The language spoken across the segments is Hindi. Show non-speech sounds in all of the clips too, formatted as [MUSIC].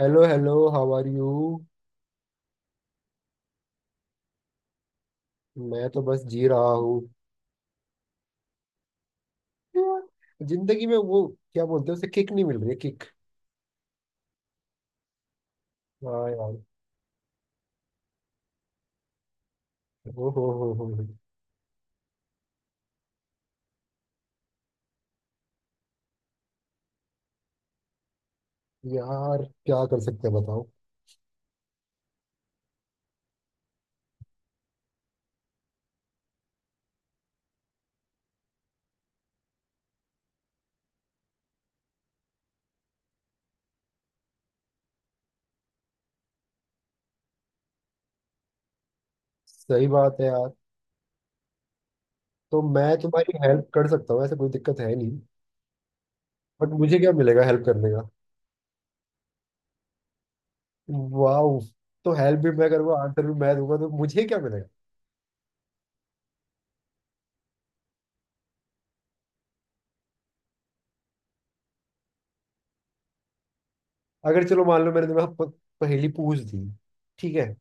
Hello hello, how are you? मैं तो बस जी रहा हूँ यार। जिंदगी में वो क्या बोलते हैं उसे किक नहीं मिल रही है। किक। हाँ यार। ओ हो हो। यार क्या कर सकते हैं बताओ। सही बात है यार। तो मैं तुम्हारी हेल्प कर सकता हूँ, ऐसे कोई दिक्कत है नहीं। बट मुझे क्या मिलेगा हेल्प करने का? वाह। तो हेल्प भी मैं करूँगा, आंसर भी मैं दूंगा, तो मुझे क्या मिलेगा? अगर चलो मान लो मैंने तुम्हें पहेली पूछ दी, ठीक है,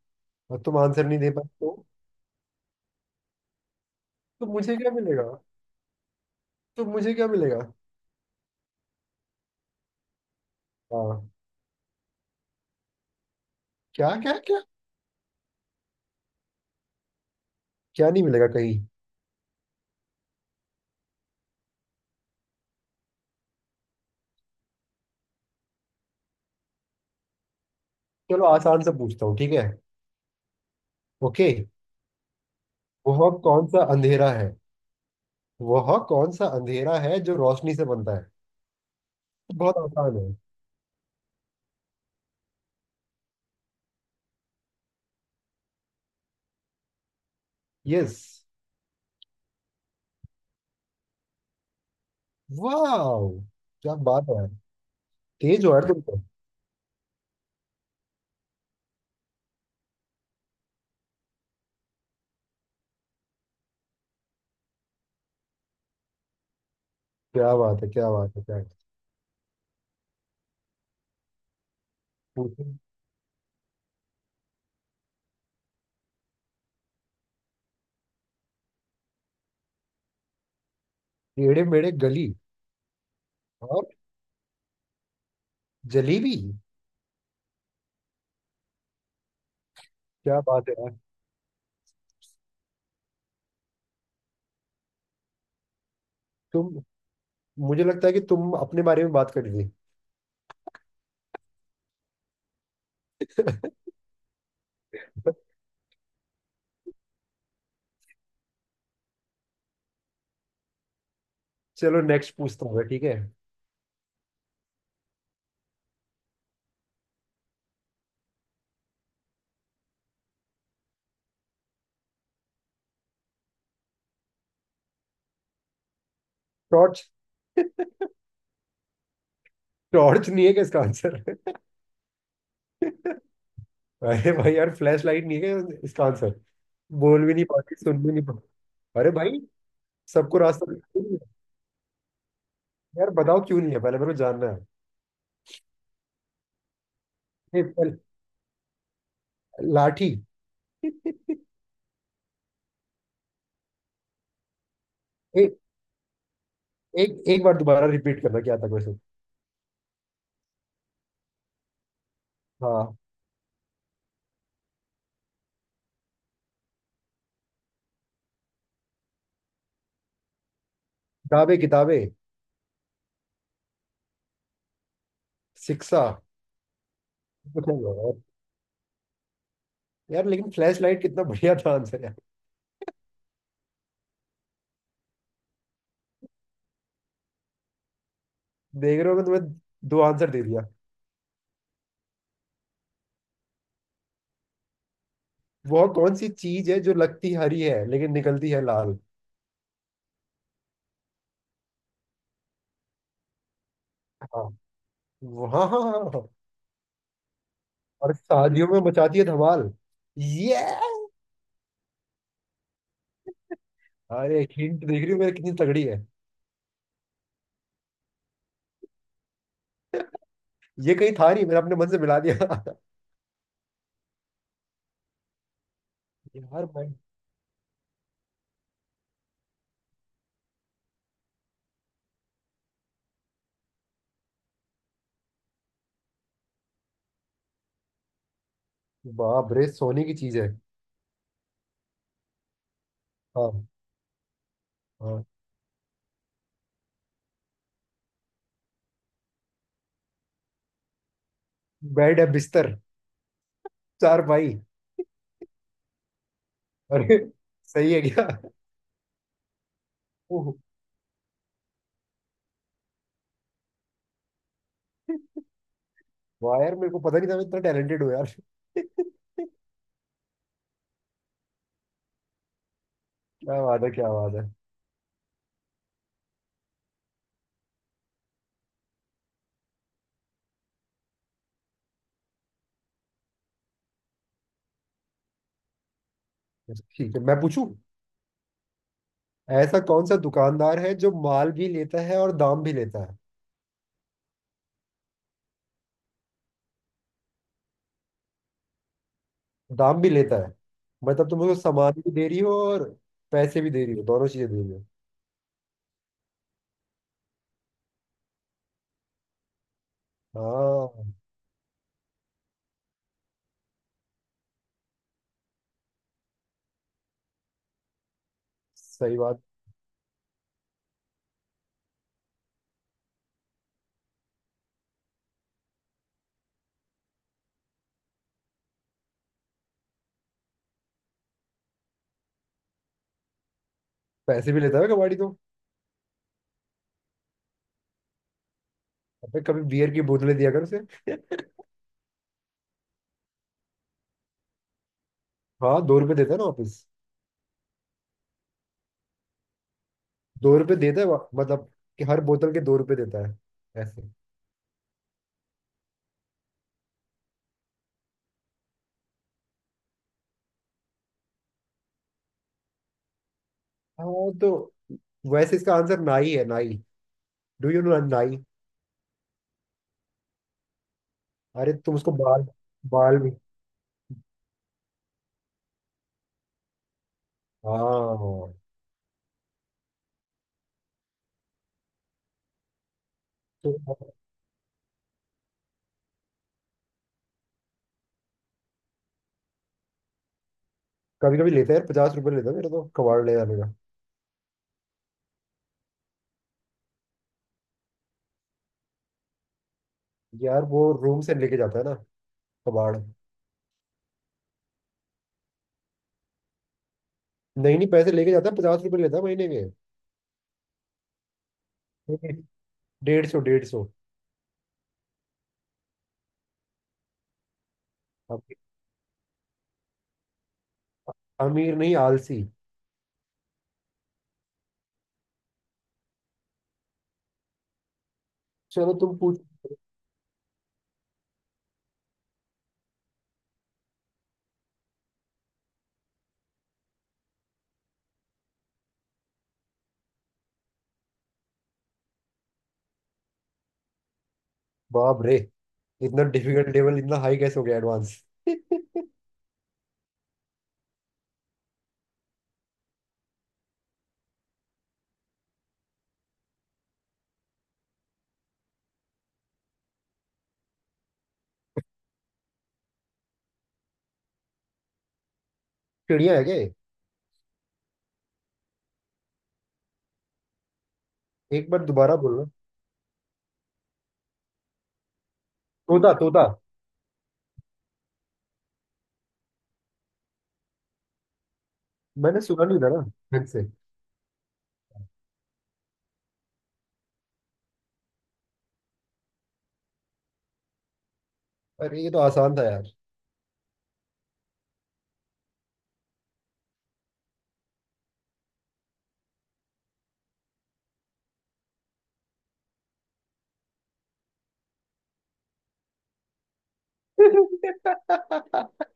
और तुम आंसर नहीं दे पाए तो मुझे क्या मिलेगा? तो मुझे क्या मिलेगा? हाँ। क्या क्या क्या? क्या नहीं मिलेगा कहीं? चलो आसान से पूछता हूँ, ठीक है। ओके। वह कौन सा अंधेरा है वह कौन सा अंधेरा है जो रोशनी से बनता है? बहुत आसान है। यस। वाह, क्या बात है। तेज हो यार तुम तो। क्या बात है, क्या बात है, क्या बात है। पूछो। टेढ़े मेढ़े गली और जलेबी। क्या बात है यार। तुम मुझे लगता है कि तुम अपने बारे में बात कर रही थी। चलो नेक्स्ट पूछता हूँ मैं, ठीक है। टॉर्च। टॉर्च नहीं है क्या इसका आंसर? अरे भाई यार, फ्लैश लाइट नहीं है क्या इसका आंसर? बोल भी नहीं पाती, सुन भी नहीं पाती। अरे भाई। सबको रास्ता क्यों नहीं है? यार बताओ क्यों नहीं है, पहले मेरे को जानना है। ए, लाठी। [LAUGHS] एक एक एक बार दोबारा रिपीट करना, क्या था क्वेश्चन? हाँ। किताबें किताबें। शिक्षा। कुछ नहीं होगा यार। यार लेकिन फ्लैश लाइट कितना बढ़िया था आंसर यार। देख रहे हो मैं तुम्हें दो आंसर दे दिया। वह कौन सी चीज है जो लगती हरी है लेकिन निकलती है लाल? हाँ, हाँ, हाँ, हाँ, हाँ। और शादियों में मचाती है धमाल। ये। अरे एक हिंट देख रही हूँ मेरी कितनी तगड़ी है। ये कहीं था नहीं, मैंने अपने मन से मिला दिया। [LAUGHS] यार मैं। बाप रे, सोने की चीज है। हाँ। हाँ। बेड है, बिस्तर। चार भाई। अरे। सही है क्या? ओह। वाह यार, मेरे को पता नहीं था मैं इतना टैलेंटेड हूँ यार। [LAUGHS] क्या बात है, क्या बात है। ठीक है, मैं पूछूं। ऐसा कौन सा दुकानदार है जो माल भी लेता है और दाम भी लेता है? दाम भी लेता है। मतलब तुम उसको सामान भी दे रही हो और पैसे भी दे रही हो, दोनों चीजें दे रही हो। हाँ। सही बात। पैसे भी लेता है कबाड़ी तो। अबे कभी बियर की बोतलें दिया कर उसे। हाँ, 2 रुपए देता है ना वापिस। दो रुपए देता है मतलब कि हर बोतल के 2 रुपए देता है। ऐसे। हाँ तो। वैसे इसका आंसर नाई है, nine. Do you know nine? अरे तुम उसको बाल, बाल भी। हाँ तो। कभी कभी लेता है यार, 50 रुपए लेता है मेरे तो कबाड़ ले जाने का। यार वो रूम से लेके जाता है ना कबाड़। नहीं नहीं, पैसे लेके जाता है, 50 रुपए लेता है महीने के। [LAUGHS] 150, 150। अब अमीर नहीं, आलसी। चलो तुम पूछ। बाप रे, इतना डिफिकल्ट लेवल इतना हाई कैसे हो गया, एडवांस। [LAUGHS] चिड़िया। है क्या ये? एक बार दोबारा बोलना। तोता, तोता। मैंने सुना नहीं था ना ढंग से। अरे ये तो आसान था यार। [LAUGHS]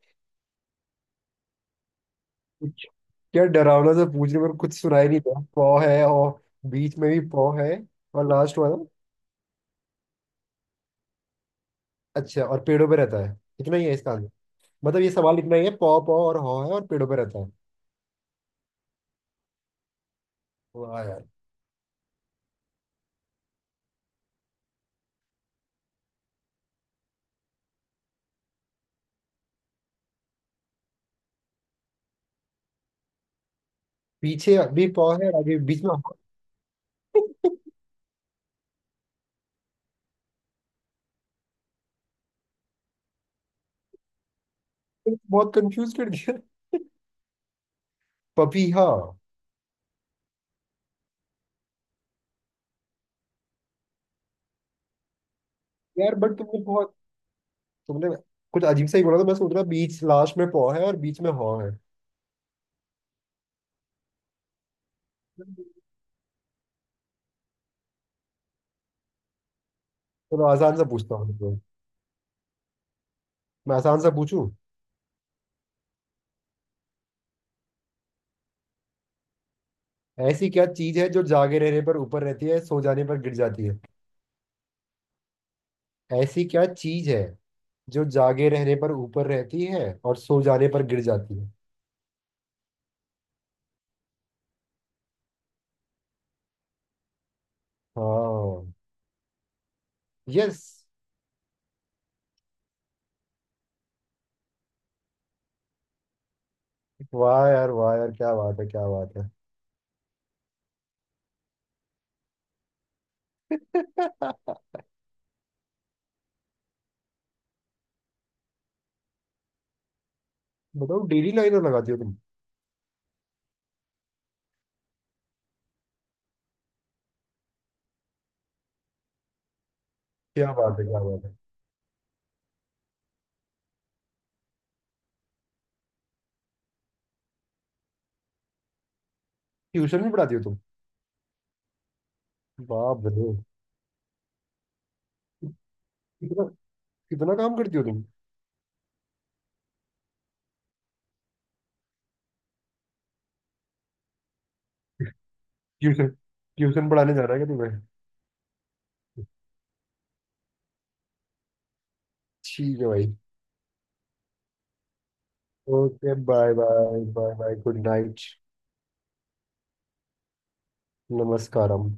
कुछ- क्या डरावना सा पूछ रहे हो, पर कुछ सुनाई नहीं था। पौ है और बीच में भी पौ है और लास्ट वाला? अच्छा, और पेड़ों पे रहता है, इतना ही है इसका आंसर? मतलब ये सवाल इतना ही है, पौ पौ और हौ है और पेड़ों पे रहता है। वाह यार। पीछे अभी पौ है और आगे बीच में [LAUGHS] हा। तुमने बहुत कंफ्यूज कर दिया। पपीहा। यार बट तुमने बहुत, तुमने कुछ अजीब सा ही बोला था, मैं सोच रहा बीच लास्ट में पौ है और बीच में हॉ है। चलो आसान सा पूछता हूँ तुमको। मैं आसान सा पूछूं। ऐसी क्या चीज है जो जागे रहने पर ऊपर रहती है, सो जाने पर गिर जाती है? ऐसी क्या चीज है जो जागे रहने पर ऊपर रहती है और सो जाने पर गिर जाती है? हाँ। यस। वाह यार, वाह यार, क्या बात है, क्या बात है। [LAUGHS] बताओ, डेली लाइनर लगाती हो तुम? क्या बात है, क्या बात है। ट्यूशन भी पढ़ाती हो तुम? बाप रे। कितना कितना काम करती हो तुम। ट्यूशन। ट्यूशन पढ़ाने जाना है क्या तुम्हें? ठीक है भाई। Okay bye bye, bye bye, good night. नमस्कारम।